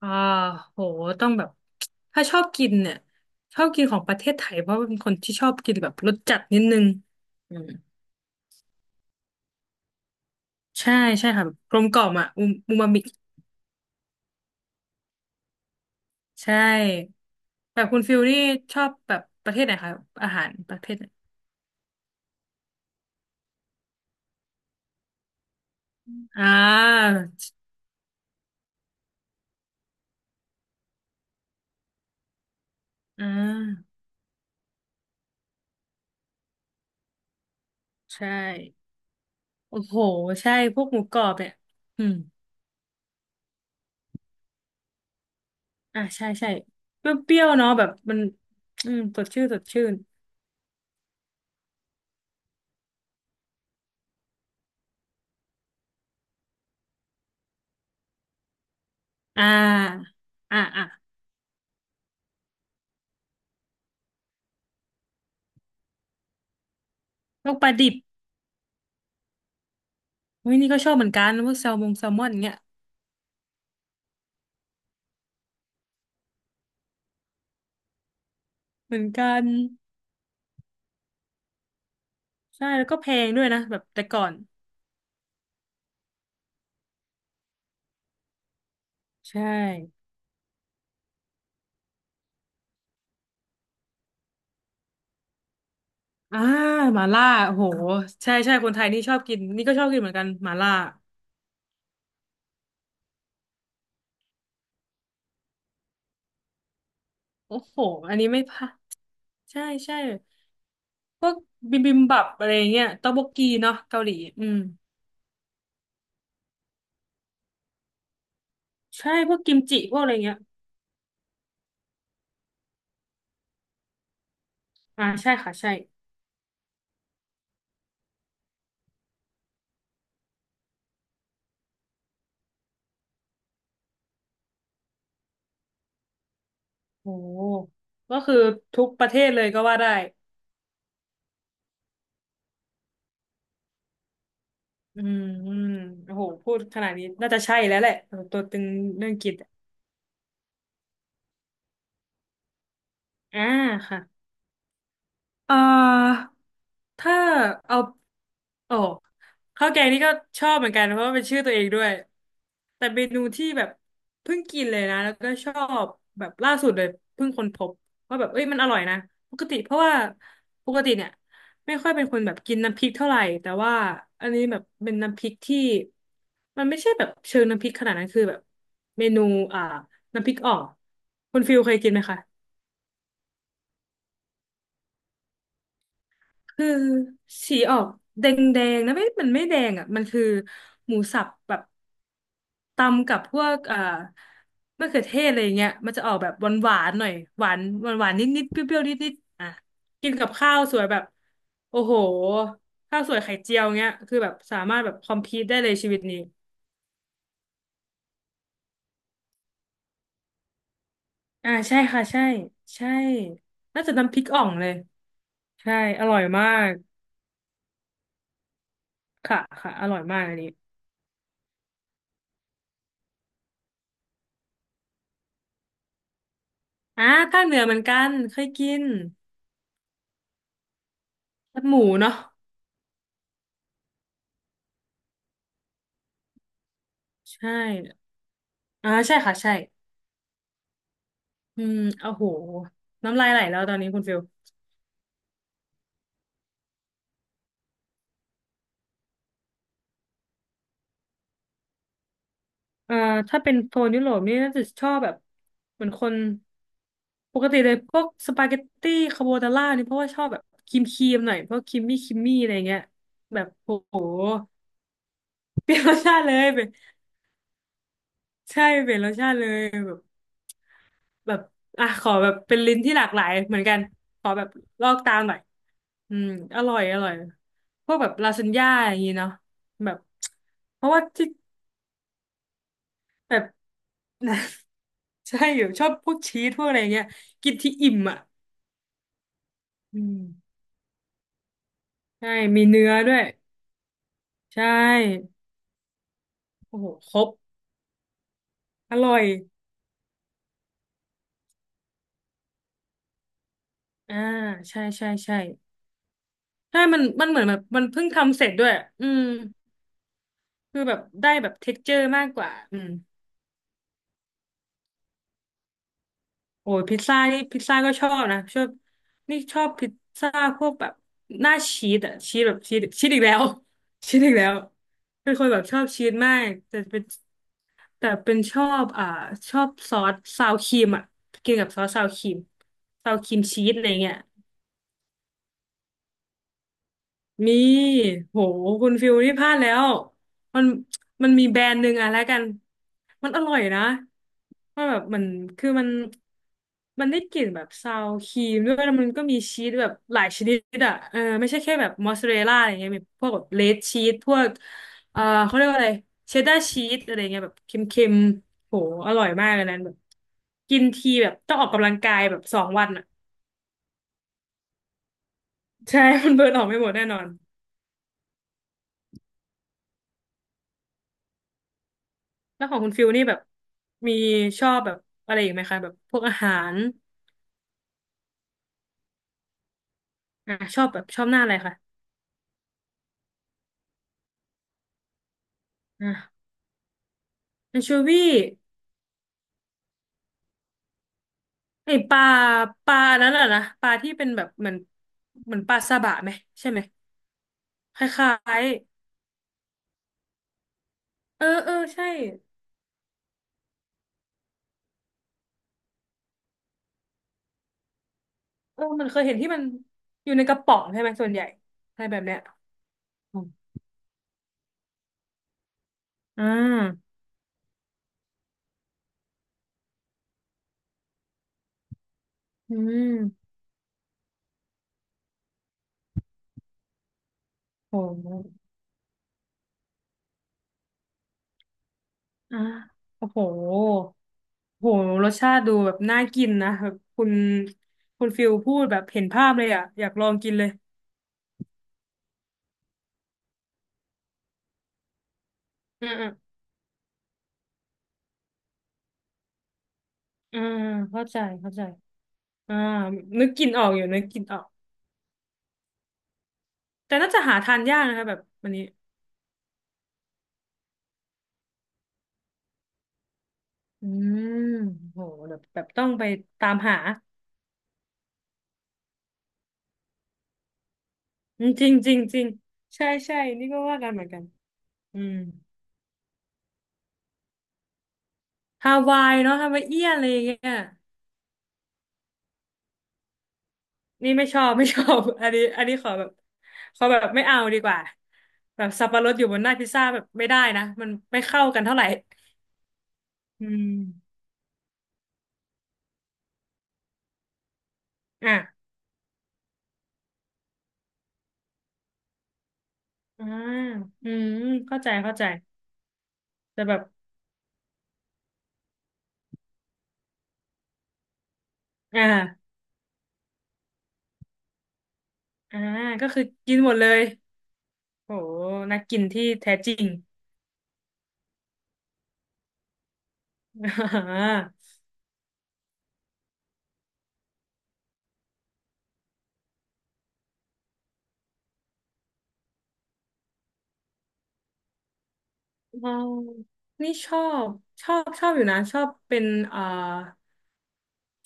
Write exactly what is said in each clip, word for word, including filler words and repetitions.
อ่าโหต้องแบบถ้าชอบกินเนี่ยชอบกินของประเทศไทยเพราะว่าเป็นคนที่ชอบกินแบบรสจัดนิดนึงอืมใช่ใช่ค่ะแบบกลมกล่อมอ่ะอูมูมามิใช่แบบคุณฟิลนี่ชอบแบบประเทศไหนคะอาหารประเภทไหนอ่าอ่าใช่โอ้โหใช่พวกหมูกรอบเนี่ยอืมอ่าใช่ใช่เปรี้ยวๆเนาะแบบมันอืมสดชื่นสดชื่นอ่าอ่าอ่าลูกปลาดิบ เฮ้ยนี่ก็ชอบเหมือนกันพวกแซลมงแซลมอนเงี้ยเหมือนกันใช่แล้วก็แพงด้วยนะแบบแต่ก่อนใช่อ่าหมาล่าโอ้โหใช่ใช่คนไทยนี่ชอบกินนี่ก็ชอบกินเหมือนกันหมาล่าโอ้โหอันนี้ไม่พลาดใช่ใช่พวกบิมบิมบับอะไรเงี้ยต๊อกบกกีเนาะเกาหลีอืมใช่พวกกิมจิพวกอะไรเงี้ยอ่าใช่ค่ะใช่โอ้โหก็คือทุกประเทศเลยก็ว่าได้อืมอืมโอ้โหพูดขนาดนี้น่าจะใช่แล้วแหละตัวตึงเรื่องกิน อ่าค่ะเอ่อถ้าเอาโอ้ข้าวแกงนี่ก็ชอบเหมือนกันเพราะว่าเป็นชื่อตัวเองด้วยแต่เมนูที่แบบเพิ่งกินเลยนะแล้วก็ชอบแบบล่าสุดเลยเพิ่งค้นพบว่าแบบเอ้ยมันอร่อยนะปกติเพราะว่าปกติเนี่ยไม่ค่อยเป็นคนแบบกินน้ำพริกเท่าไหร่แต่ว่าอันนี้แบบเป็นน้ำพริกที่มันไม่ใช่แบบเชิงน้ำพริกขนาดนั้นคือแบบเมนูอ่าน้ำพริกอ่องคุณฟิลเคยกินไหมคะ คือสีออกแดงแดงนะไม่มันไม่แดงอ่ะมันคือหมูสับแบบตำกับพวกเอ่อมะเขือเทศอะไรอย่างเงี้ยมันจะออกแบบหวานหวานหน่อยหวานหวานหวานนิดนิดเปรี้ยวเปรี้ยวนิดนิดอ่ะกินกับข้าวสวยแบบโอ้โหข้าวสวยไข่เจียวเงี้ยคือแบบสามารถแบบคอมพีทได้เลยชีวิตนี้อ่าใช่ค่ะใช่ใช่น่าจะน้ำพริกอ่องเลยใช่อร่อยมากค่ะค่ะอร่อยมากอันนี้อ่าภาคเหนือเหมือนกันเคยกินลาบหมูเนาะ ใช่อ่าใช่ค่ะใช่อืมโอ้โหน้ำลายไหลแล้วตอนนี้คุณฟิลเอ่าถ้าเป็นโซนยุโรปนี่น่าจะชอบแบบเหมือนคนปกติเลยพวกสปาเกตตี้คาโบนาร่านี่เพราะว่าชอบแบบครีมครีมหน่อยเพราะครีมมี่ครีมมี่อะไรเงี้ยแบบโหเปลี่ยนรสชาติเลยเป็นใช่เปลี่ยนรสชาติเลยแบบ แบบอ่ะขอแบบเป็นลิ้นที่หลากหลายเหมือนกันขอแบบลอกตามหน่อยอืมอร่อยอร่อยพวกแบบลาซานญ่าอย่างงี้เนาะแบบเพราะว่าที่แบบ ใช่อยู่ชอบพวกชีสพวกอะไรเงี้ยกินที่อิ่มอ่ะอืมใช่มีเนื้อด้วยใช่โอ้โหครบอร่อยอ่าใช่ใช่ใช่ใช่มันมันเหมือนแบบมันเพิ่งทำเสร็จด้วยอืมคือแบบได้แบบเท็กเจอร์มากกว่าอืม โอ้ยพิซซ่านี่พิซซ่าก็ชอบนะชอบนี่ชอบพิซซ่าพวกแบบหน้าชีสอะชีสแบบชีสชีสอีกแล้ว ชีสอีกแล้วเป็นคนแบบชอบชีสมากแต่เป็นแต่เป็นชอบอ่าชอบซอสซาวครีมอะกินกับซอสซาวครีมซาวครีมชีสอะไรเงี้ย มีโห คุณฟิลนี่พลาดแล้ว มันมันมีแบรนด์หนึ่งอะแล้วกัน มันอร่อยนะมันแบบมันคือมัน มันได้กลิ่นแบบซาวครีมด้วยแล้วมันก็มีชีสแบบหลายชนิดอะเออไม่ใช่แค่แบบมอสซาเรลล่าอะไรเงี้ยมีพวกแบบเลดชีสพวกเออเขาเรียกว่าอะไรเชดดาร์ชีสอะไรเงี้ยแบบเค็มๆโหอร่อยมากเลยนั้นแบบกินทีแบบต้องออกกำลังกายแบบสองวันอะ ใช่ มันเบิร์นออกไม่หมดแน่นอน แล้วของคุณฟิลนี่แบบมีชอบแบบอะไรอีกไหมคะแบบพวกอาหารอ่ะชอบแบบชอบหน้าอะไรคะอ่ะแอนโชวีไอปลาปลานั้นแหละนะปลาที่เป็นแบบเหมือนเหมือนปลาซาบะไหมใช่ไหมคล้ายๆเออเออใช่เออมันเคยเห็นที่มันอยู่ในกระป๋องใช่ไหมส่วนใหญ่อะไรแบบเนี้ยอมอ่าอืมโหอ่าโอ้โห โหรสชาติดูแบบน่ากินนะแบบคุณคุณฟิลพูดแบบเห็นภาพเลยอ่ะอยากลองกินเลยอืมอืมอืมเข้าใจเข้าใจอ่านึกกินออกอยู่นึกกินออกแต่น่าจะหาทานยากนะคะแบบวันนี้อืมโหแบบแบบต้องไปตามหาอืมจริงจริงจริงใช่ใช่นี่ก็ว่ากันเหมือนกันอืมฮาวายเนาะฮาวายเอี้ยนอะไรอย่างเงี้ย นี่ไม่ชอบ ไม่ชอบ อันนี้อันนี้ขอแบบขอแบบไม่เอาดีกว่าแบบสับปะรดอยู่บนหน้าพิซซ่าแบบไม่ได้นะมันไม่เข้ากันเท่าไหร่อืมอ่ะอ่าอืมเข้าใจเข้าใจแต่แบบอ่าอ่าก็คือกินหมดเลยโหนักกินที่แท้จริง อ่าเรานี่ชอบชอบชอบอยู่นะชอบเป็นเอ่อ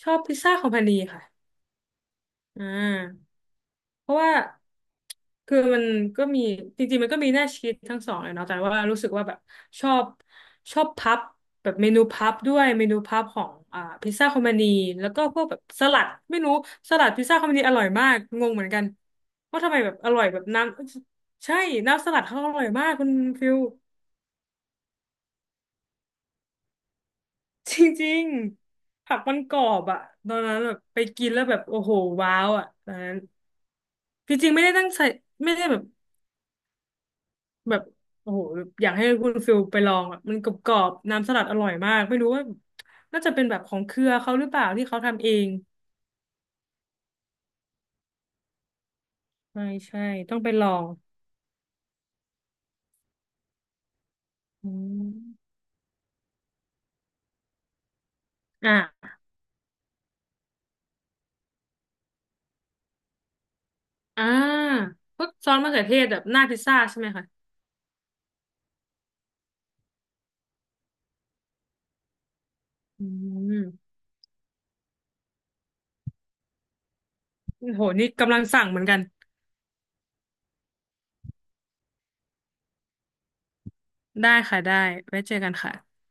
ชอบพิซซ่าคอมพานีค่ะอ่า เพราะว่าคือมันก็มีจริงๆมันก็มีหน้าชีสทั้งสองเลยเนาะแต่ว่ารู้สึกว่าแบบชอบชอบพับแบบเมนูพับด้วยเมนูพับของอ่าพิซซ่าคอมมานีแล้วก็พวกแบบสลัดไม่รู้สลัดพิซซ่าคอมมานีอร่อยมากงงเหมือนกันว่าทำไมแบบอร่อยแบบน้ำใช่น้ำสลัดเขาอร่อยมากคุณฟิลจริงๆผักมันกรอบอะตอนนั้นแบบไปกินแล้วแบบโอ้โหว้าวอะตอนนั้นจริงๆไม่ได้ตั้งใจไม่ได้แบบ แบบโอ้โหแบบอยากให้คุณฟิลไปลองอ่ะมันกรอบๆน้ำสลัดอร่อยมากไม่รู้ว่าน่าจะเป็นแบบของเครือเขาหรือเปล่าที่เขาทำเองไม่ใช่ต้องไปลองอืมอ่ะอ่าพวกซอสมะเขือเทศแบบหน้าพิซซ่าใช่ไหมคะอืมโอ้โหนี่กำลังสั่งเหมือนกันได้ค่ะได้ไว้เจอกันค่ะ